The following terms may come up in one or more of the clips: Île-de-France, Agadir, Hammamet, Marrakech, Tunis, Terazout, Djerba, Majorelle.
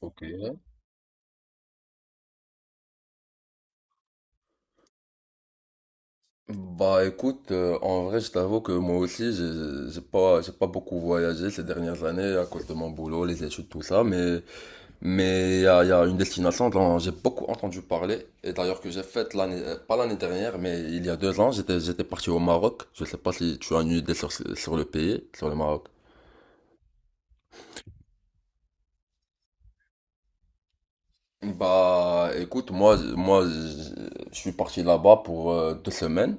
Ok. Bah écoute, en vrai, je t'avoue que moi aussi, j'ai pas beaucoup voyagé ces dernières années à cause de mon boulot, les études, tout ça, mais il y a une destination dont j'ai beaucoup entendu parler, et d'ailleurs que j'ai faite l'année, pas l'année dernière, mais il y a 2 ans, j'étais parti au Maroc. Je sais pas si tu as une idée sur le pays, sur le Maroc. Bah écoute, moi, je suis parti là-bas pour 2 semaines.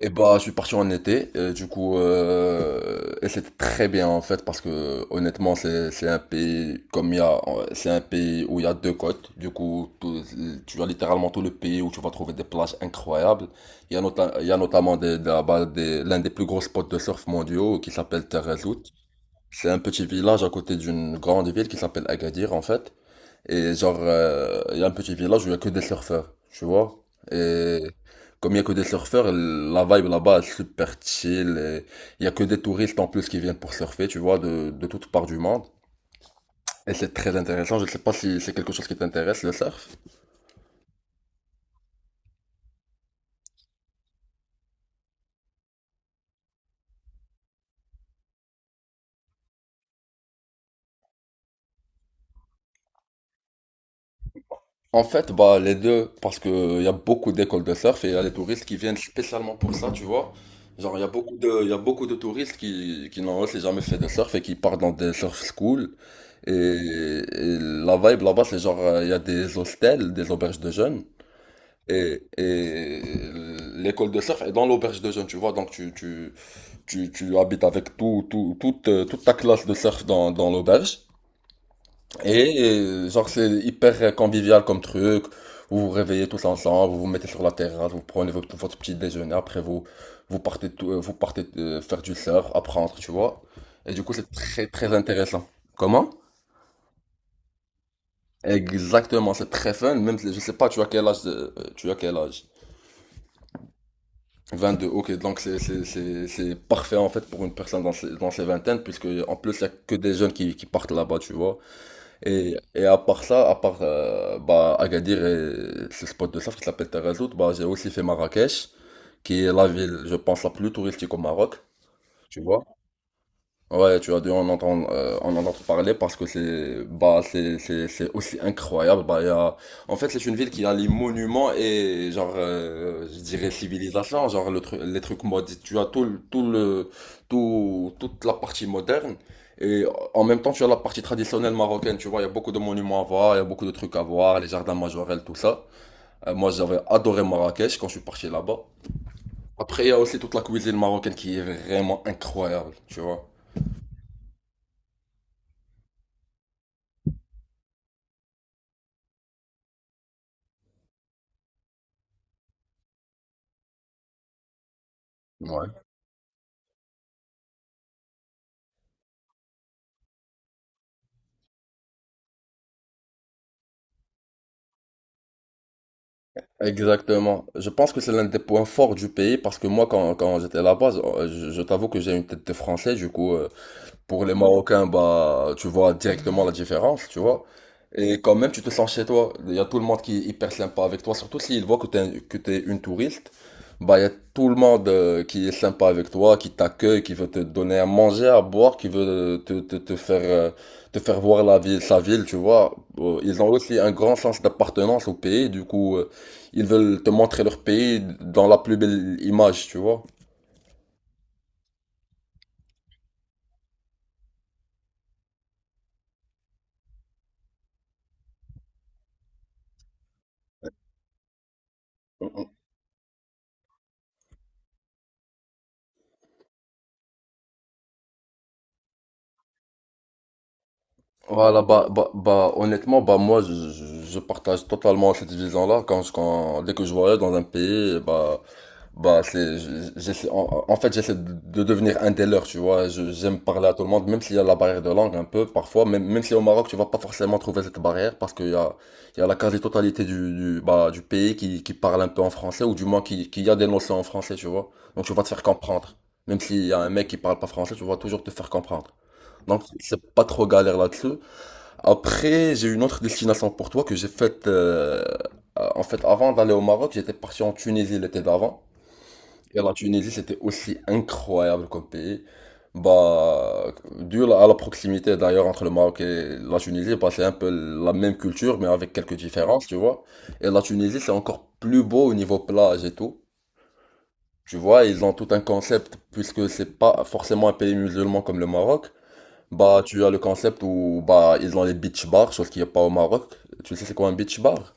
Et bah, je suis parti en été, et du coup, et c'était très bien en fait, parce que honnêtement, c'est un pays comme il y a, c'est un pays où il y a deux côtes. Du coup, tu as littéralement tout le pays où tu vas trouver des plages incroyables. Il y a notamment, là-bas, l'un des plus gros spots de surf mondiaux qui s'appelle Terre. C'est un petit village à côté d'une grande ville qui s'appelle Agadir en fait. Et genre, il y a un petit village où il y a que des surfeurs, tu vois. Et comme il y a que des surfeurs, la vibe là-bas est super chill, il y a que des touristes en plus qui viennent pour surfer, tu vois, de toutes parts du monde. Et c'est très intéressant. Je ne sais pas si c'est quelque chose qui t'intéresse, le surf. En fait, bah, les deux, parce que il y a beaucoup d'écoles de surf et il y a les touristes qui viennent spécialement pour ça, tu vois. Genre, il y a beaucoup de, il y a beaucoup de touristes qui n'ont aussi jamais fait de surf et qui partent dans des surf schools. Et la vibe là-bas, c'est genre, il y a des hostels, des auberges de jeunes. Et l'école de surf est dans l'auberge de jeunes, tu vois. Donc, tu habites avec toute ta classe de surf dans l'auberge. Et genre, c'est hyper convivial comme truc. Vous vous réveillez tous ensemble, vous vous mettez sur la terrasse, vous prenez votre petit déjeuner. Après, vous partez faire du surf, apprendre, tu vois. Et du coup, c'est très, très intéressant. Comment? Exactement, c'est très fun, même si- je sais pas, tu as quel âge? 22, ok, donc c'est parfait en fait pour une personne dans ses vingtaines, puisque en plus il y a que des jeunes qui partent là-bas, tu vois. Et à part ça, à part bah, Agadir et ce spot de surf qui s'appelle Terazout, bah, j'ai aussi fait Marrakech, qui est la ville, je pense, la plus touristique au Maroc, tu vois. Ouais, tu as dû en entendre parler parce que c'est aussi incroyable. Bah il y a, en fait c'est une ville qui a les monuments et genre je dirais civilisation, genre les trucs modernes. Tu as tout le- tout le tout toute la partie moderne et en même temps tu as la partie traditionnelle marocaine. Tu vois, il y a beaucoup de monuments à voir, il y a beaucoup de trucs à voir, les jardins majorels, tout ça. Moi j'avais adoré Marrakech quand je suis parti là-bas. Après il y a aussi toute la cuisine marocaine qui est vraiment incroyable, tu vois. Ouais. Exactement. Je pense que c'est l'un des points forts du pays parce que moi, quand j'étais là-bas, je t'avoue que j'ai une tête de français, du coup, pour les Marocains, bah, tu vois directement la différence, tu vois. Et quand même, tu te sens chez toi. Il y a tout le monde qui est hyper sympa avec toi, surtout s'ils voient que tu es, que t'es une touriste. Bah, il y a tout le monde qui est sympa avec toi, qui t'accueille, qui veut te donner à manger, à boire, qui veut te faire voir la ville, sa ville, tu vois. Ils ont aussi un grand sens d'appartenance au pays, du coup, ils veulent te montrer leur pays dans la plus belle image, tu vois. Voilà, bah, honnêtement, bah, moi, je partage totalement cette vision-là. Dès que je voyage dans un pays, bah, bah, c'est, je- j'essaie, en, en fait, j'essaie de devenir un des leurs, tu vois. Je- J'aime parler à tout le monde, même s'il y a la barrière de langue un peu, parfois. Même si au Maroc, tu vas pas forcément trouver cette barrière parce qu'il y a la quasi-totalité du pays qui parle un peu en français ou du moins qui a des notions en français, tu vois. Donc, tu vas te faire comprendre. Même s'il y a un mec qui parle pas français, tu vas toujours te faire comprendre. Donc, c'est pas trop galère là-dessus. Après, j'ai une autre destination pour toi que j'ai faite. En fait, avant d'aller au Maroc, j'étais parti en Tunisie l'été d'avant. Et la Tunisie, c'était aussi incroyable comme pays. Bah, dû à la proximité d'ailleurs entre le Maroc et la Tunisie, bah, c'est un peu la même culture, mais avec quelques différences, tu vois. Et la Tunisie, c'est encore plus beau au niveau plage et tout. Tu vois, ils ont tout un concept, puisque c'est pas forcément un pays musulman comme le Maroc. Bah, tu as le concept où bah, ils ont les beach bars, chose qu'il n'y a pas au Maroc. Tu sais, c'est quoi un beach bar?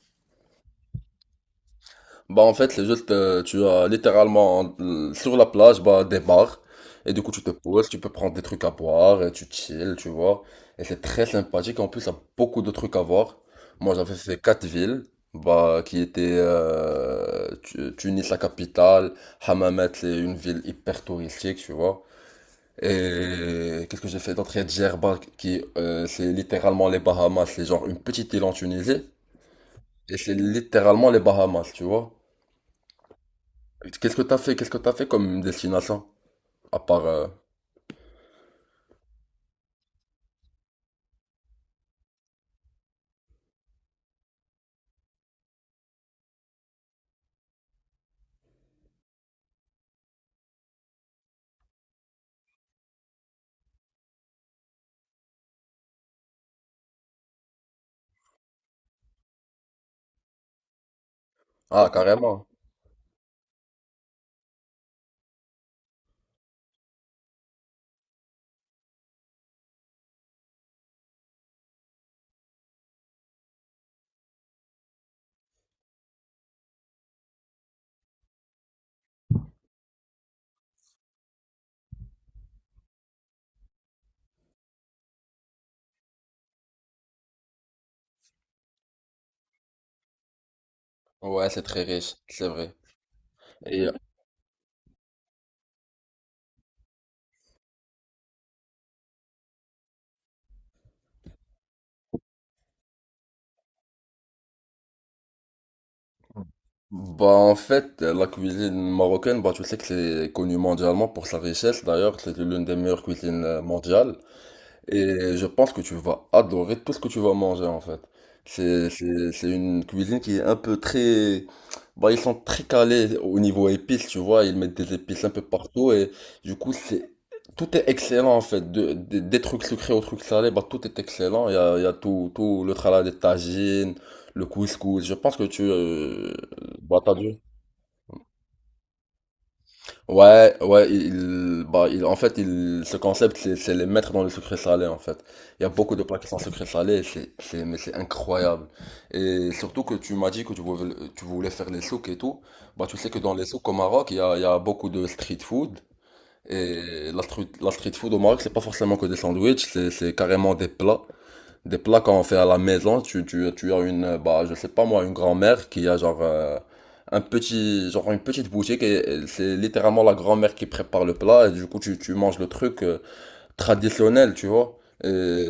Bah, en fait, c'est juste, tu as littéralement sur la plage bah, des bars. Et du coup, tu te poses, tu peux prendre des trucs à boire, et tu chill, tu vois. Et c'est très sympathique. En plus, il y a beaucoup de trucs à voir. Moi, j'avais fait quatre villes, bah, qui étaient Tunis, la capitale. Hammamet, c'est une ville hyper touristique, tu vois. Et qu'est-ce que j'ai fait d'autre? Il y a Djerba, c'est littéralement les Bahamas. C'est genre une petite île en Tunisie. Et c'est littéralement les Bahamas, tu vois. Qu'est-ce que t'as fait? Qu'est-ce que t'as fait comme destination? À part, Ah, carrément. Ouais, c'est très riche, c'est vrai. Et bah en fait, la cuisine marocaine, bah tu sais que c'est connu mondialement pour sa richesse. D'ailleurs, c'est l'une des meilleures cuisines mondiales. Et je pense que tu vas adorer tout ce que tu vas manger en fait. C'est une cuisine qui est un peu très... Bah, ils sont très calés au niveau épices, tu vois. Ils mettent des épices un peu partout et du coup, c'est... Tout est excellent en fait. Des trucs sucrés aux trucs salés, bah, tout est excellent. Il y a tout, tout le tralala des tagines, le couscous. Je pense que tu... Bah, Ouais, ouais, il, bah, il, en fait, il, ce concept, c'est les mettre dans le sucré salé, en fait. Il y a beaucoup de plats qui sont sucré salé, mais c'est incroyable. Et surtout que tu m'as dit que tu voulais faire les souks et tout. Bah, tu sais que dans les souks au Maroc, il y a beaucoup de street food. Et la street food au Maroc, c'est pas forcément que des sandwichs, c'est carrément des plats. Des plats qu'on fait à la maison, tu as une, bah, je sais pas moi, une grand-mère qui a genre un petit, genre une petite boutique et c'est littéralement la grand-mère qui prépare le plat et du coup tu manges le truc traditionnel, tu vois. Et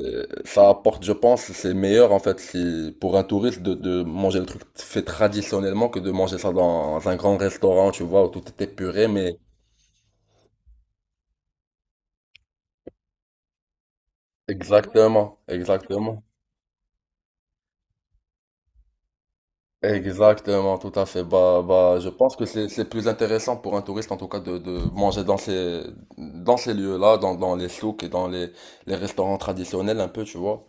ça apporte, je pense, c'est meilleur en fait si, pour un touriste de manger le truc fait traditionnellement que de manger ça dans un grand restaurant, tu vois, où tout est épuré, mais exactement, exactement. Exactement, tout à fait. Bah, bah, je pense que c'est plus intéressant pour un touriste, en tout cas, de manger dans ces lieux-là, dans les souks et dans les restaurants traditionnels, un peu, tu vois.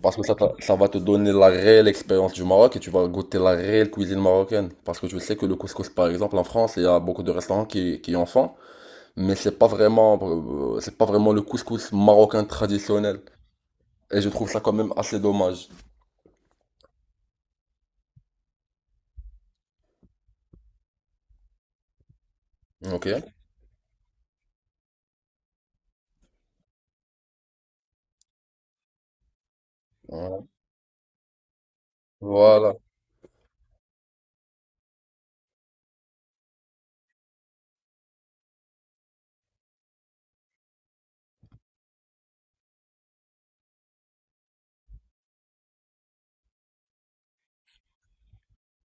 Parce que ça va te donner la réelle expérience du Maroc et tu vas goûter la réelle cuisine marocaine. Parce que je sais que le couscous, par exemple, en France, il y a beaucoup de restaurants qui en font, mais c'est pas vraiment le couscous marocain traditionnel. Et je trouve ça quand même assez dommage. Ok. Voilà.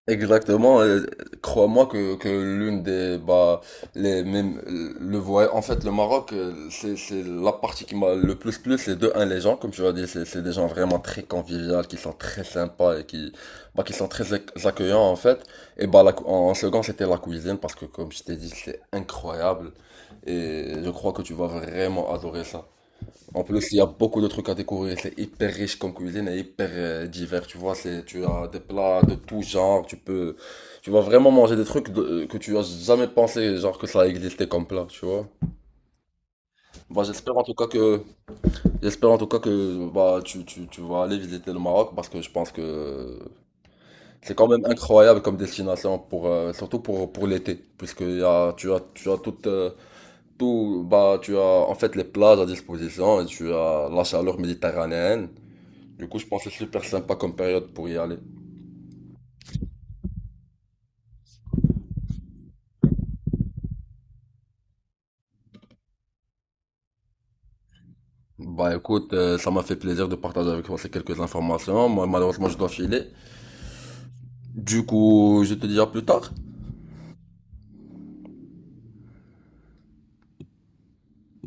Exactement, crois-moi que l'une des bah les même le voyage en fait le Maroc c'est la partie qui m'a le plus plu c'est de un les gens comme tu as dit c'est des gens vraiment très conviviaux qui sont très sympas et qui bah qui sont très accueillants en fait et bah la cou- en second c'était la cuisine parce que comme je t'ai dit c'est incroyable et je crois que tu vas vraiment adorer ça. En plus, il y a beaucoup de trucs à découvrir. C'est hyper riche comme cuisine et hyper divers. Tu vois, c'est, tu as des plats de tout genre. Tu peux, tu vas vraiment manger que tu as jamais pensé, genre que ça existait comme plat. Tu vois. Bah, j'espère en tout cas que, bah, tu vas aller visiter le Maroc parce que je pense que c'est quand même incroyable comme destination pour, surtout pour l'été, puisque il y a, tu as toute, tout, bah, tu as en fait les plages à disposition et tu as la chaleur méditerranéenne. Du coup, je pense que c'est super sympa comme période pour y aller. Bah écoute, ça m'a fait plaisir de partager avec toi ces quelques informations. Moi, malheureusement, je dois filer. Du coup, je te dirai plus tard.